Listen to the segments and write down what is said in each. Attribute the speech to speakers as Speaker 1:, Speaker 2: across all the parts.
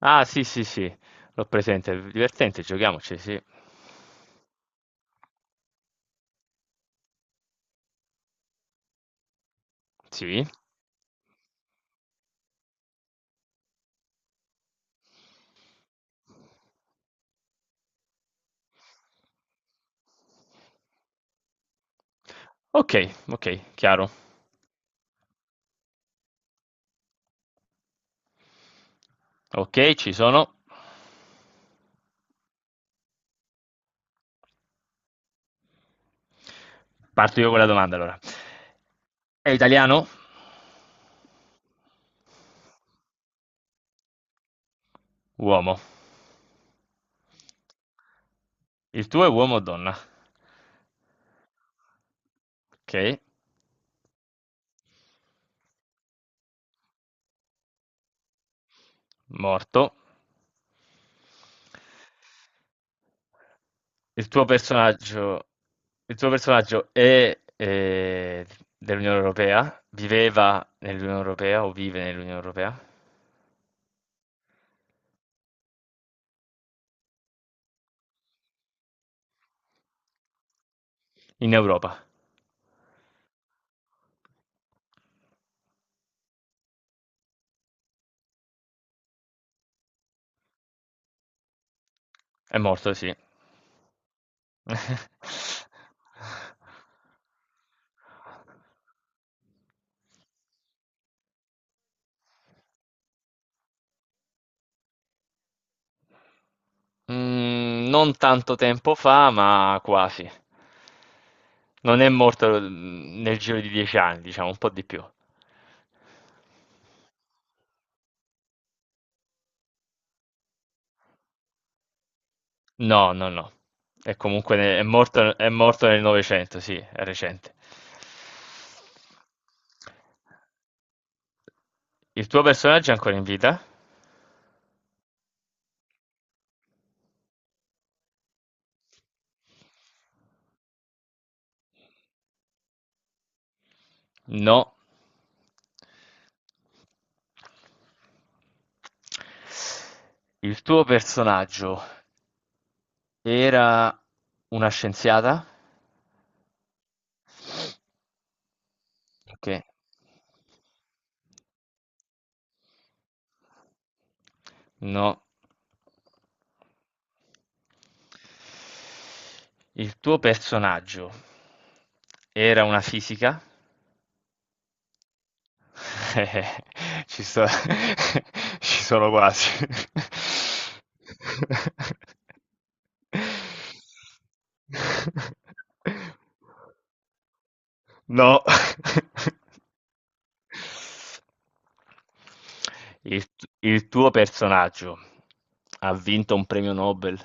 Speaker 1: Ah, sì, sì, sì, l'ho presente, divertente, giochiamoci, sì. Sì, ok, ok, chiaro. Ok, ci sono. Parto io con la domanda allora. È italiano? Uomo. Il tuo è uomo o donna? Ok. Morto. Il tuo personaggio, il tuo personaggio è dell'Unione Europea? Viveva nell'Unione Europea o vive nell'Unione Europea? In Europa. È morto, sì. Mm, non tanto tempo fa, ma quasi. Non è morto nel giro di dieci anni, diciamo, un po' di più. No, no, no. È comunque è morto nel Novecento, sì, è recente. Il tuo personaggio è ancora in vita? No. Il tuo personaggio era una scienziata? Ok. No. Il tuo personaggio era una fisica? Eh, ci sto ci sono quasi. No. Il tuo personaggio ha vinto un premio Nobel?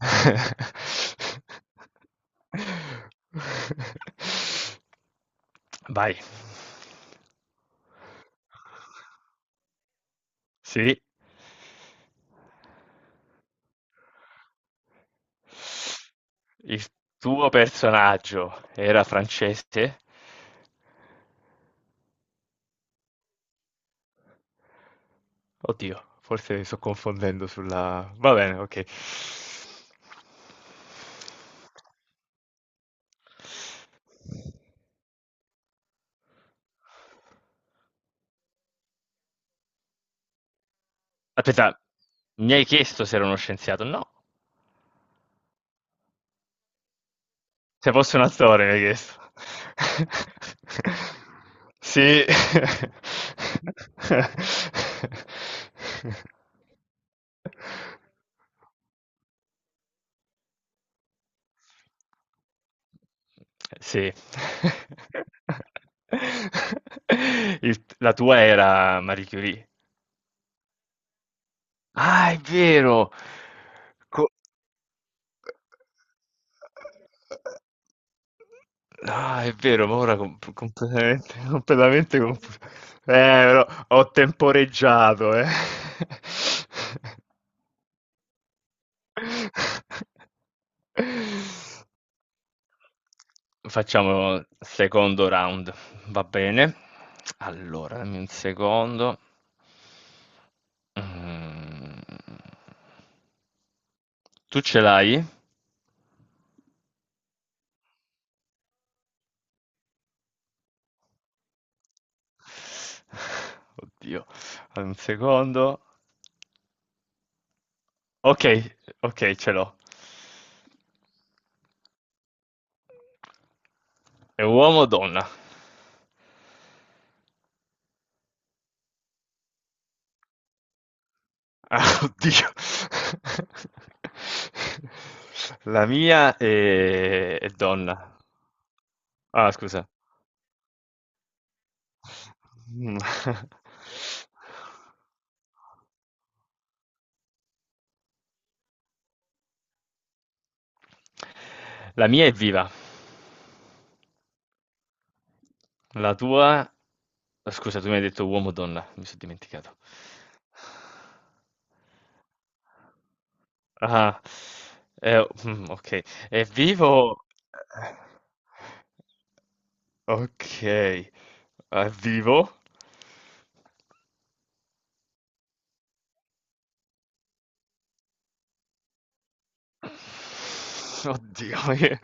Speaker 1: Vai. Sì. Il tuo personaggio era francese? Oddio, forse mi sto confondendo sulla... Va bene, ok. Aspetta, mi hai chiesto se ero uno scienziato? No, se fossi un attore mi hai chiesto. Sì. Sì. La tua era Marie Curie. Ah, è vero! Co- Ah, è vero, ma ora completamente, completamente confuso. Però ho temporeggiato, eh. Facciamo il secondo round, va bene? Allora, dammi un secondo. Mm. Tu ce l'hai? Oddio, un secondo. Ok, ok, ce l'ho. È uomo o donna? Ah, oddio. La mia è donna. Ah, scusa. Mm. La mia è viva. La tua... Scusa, tu mi hai detto uomo o donna? Mi sono dimenticato. Ah, ok. È vivo? Ok. È vivo? Oddio,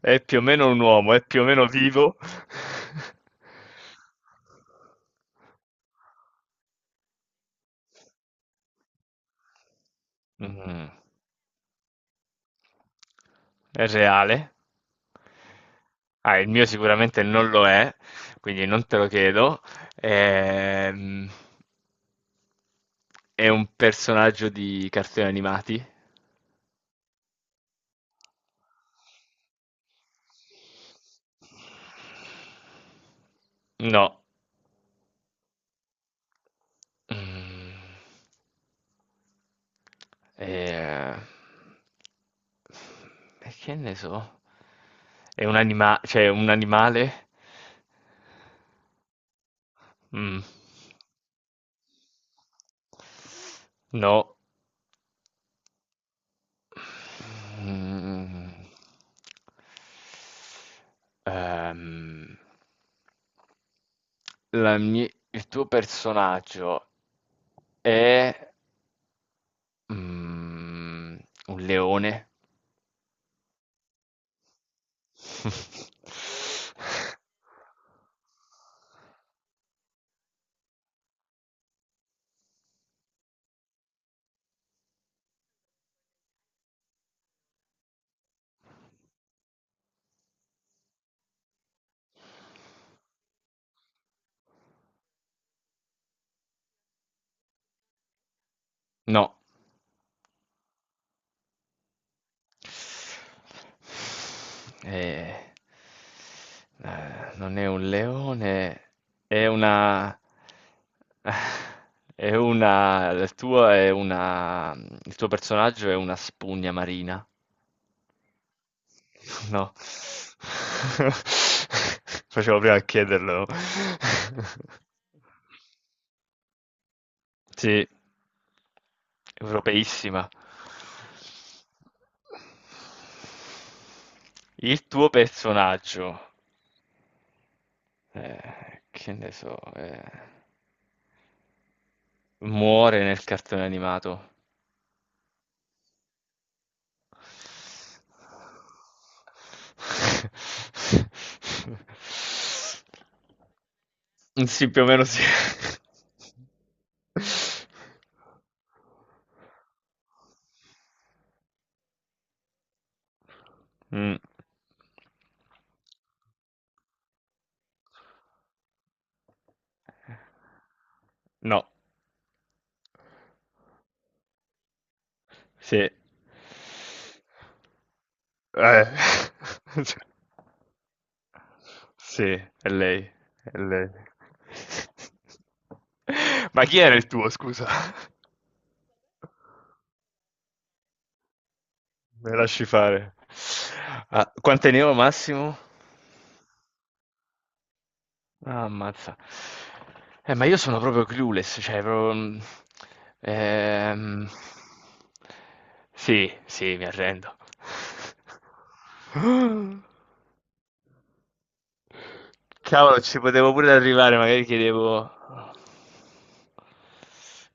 Speaker 1: è più o meno un uomo, è più o meno vivo. Mm. È reale? Ah, il mio sicuramente non lo è, quindi non te lo chiedo. Ehm. È un personaggio di cartoni animati? No. Mm. Eh, e che ne so? È cioè un animale? Mm. No. Mm. Ehm, il tuo personaggio è Mhmm, un leone? No. Eh. Non è un leone, è una è una il tuo è una il tuo personaggio è una spugna marina? No. Facevo prima a chiederlo. Sì. Europeissima. Il tuo personaggio, che ne so, muore nel cartone animato. Sì, più o meno sì. Mm, no. Sì. Cioè, sì, è lei, è lei. Ma chi era il tuo, scusa? Me lasci fare. Ah, quante ne ho massimo? Ah, ammazza. Ma io sono proprio clueless, cioè proprio... ehm, Sì, sì, mi arrendo. Cavolo, ci potevo pure arrivare, magari chiedevo...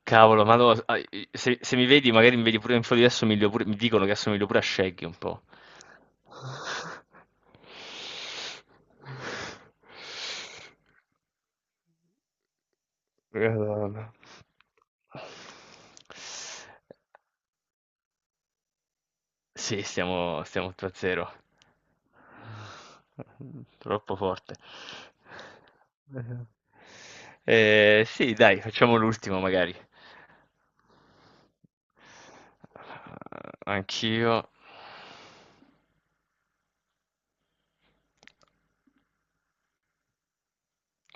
Speaker 1: Cavolo, ma no, ah, se, se mi vedi, magari mi vedi pure in foto di assomiglio pure, mi dicono che assomiglio pure a Shaggy un po'. Madonna. Sì, stiamo 8-0. Troppo forte. Sì, dai, facciamo l'ultimo magari. Anch'io.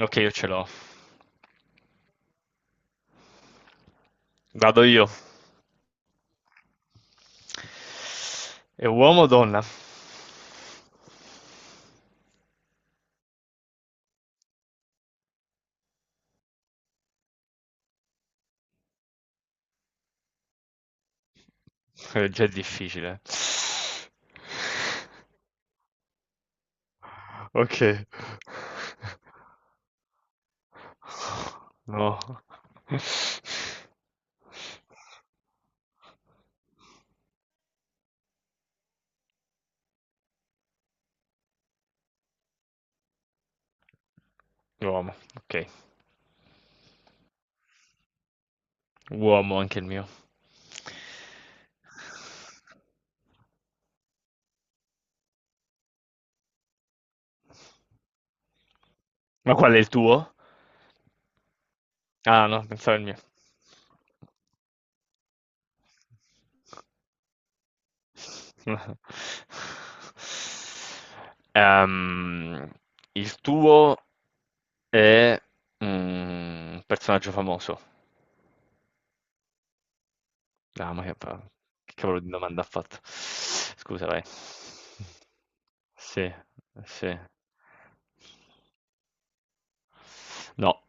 Speaker 1: Ok, io ce l'ho. Vado io. È uomo o donna? È già difficile. Ok. No. Uomo, ok. Uomo anche il mio. Ma qual è il tuo? Ah, no, pensavo il mio. Ehm, il tuo è mm, un personaggio famoso. Ah, che cavolo di domanda ha fatto? Scusa, vai. Sì, sì. No.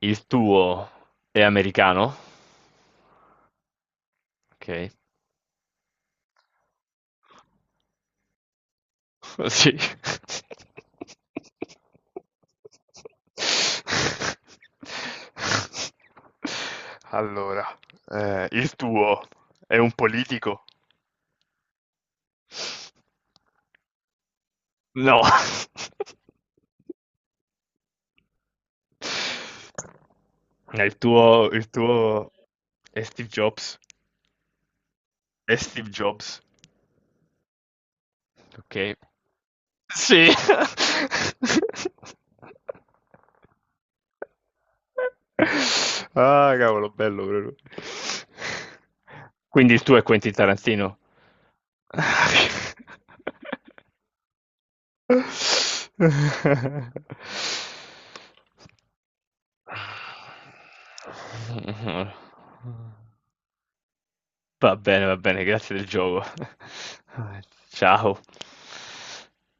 Speaker 1: Il tuo è americano? Ok. Sì. Allora, il tuo è un politico? No. Il tuo è Steve Jobs. È Steve Jobs. Ok. Sì. Ah, cavolo, bello proprio. Quindi il tuo è Quentin Tarantino. Va bene, grazie del gioco. Ciao.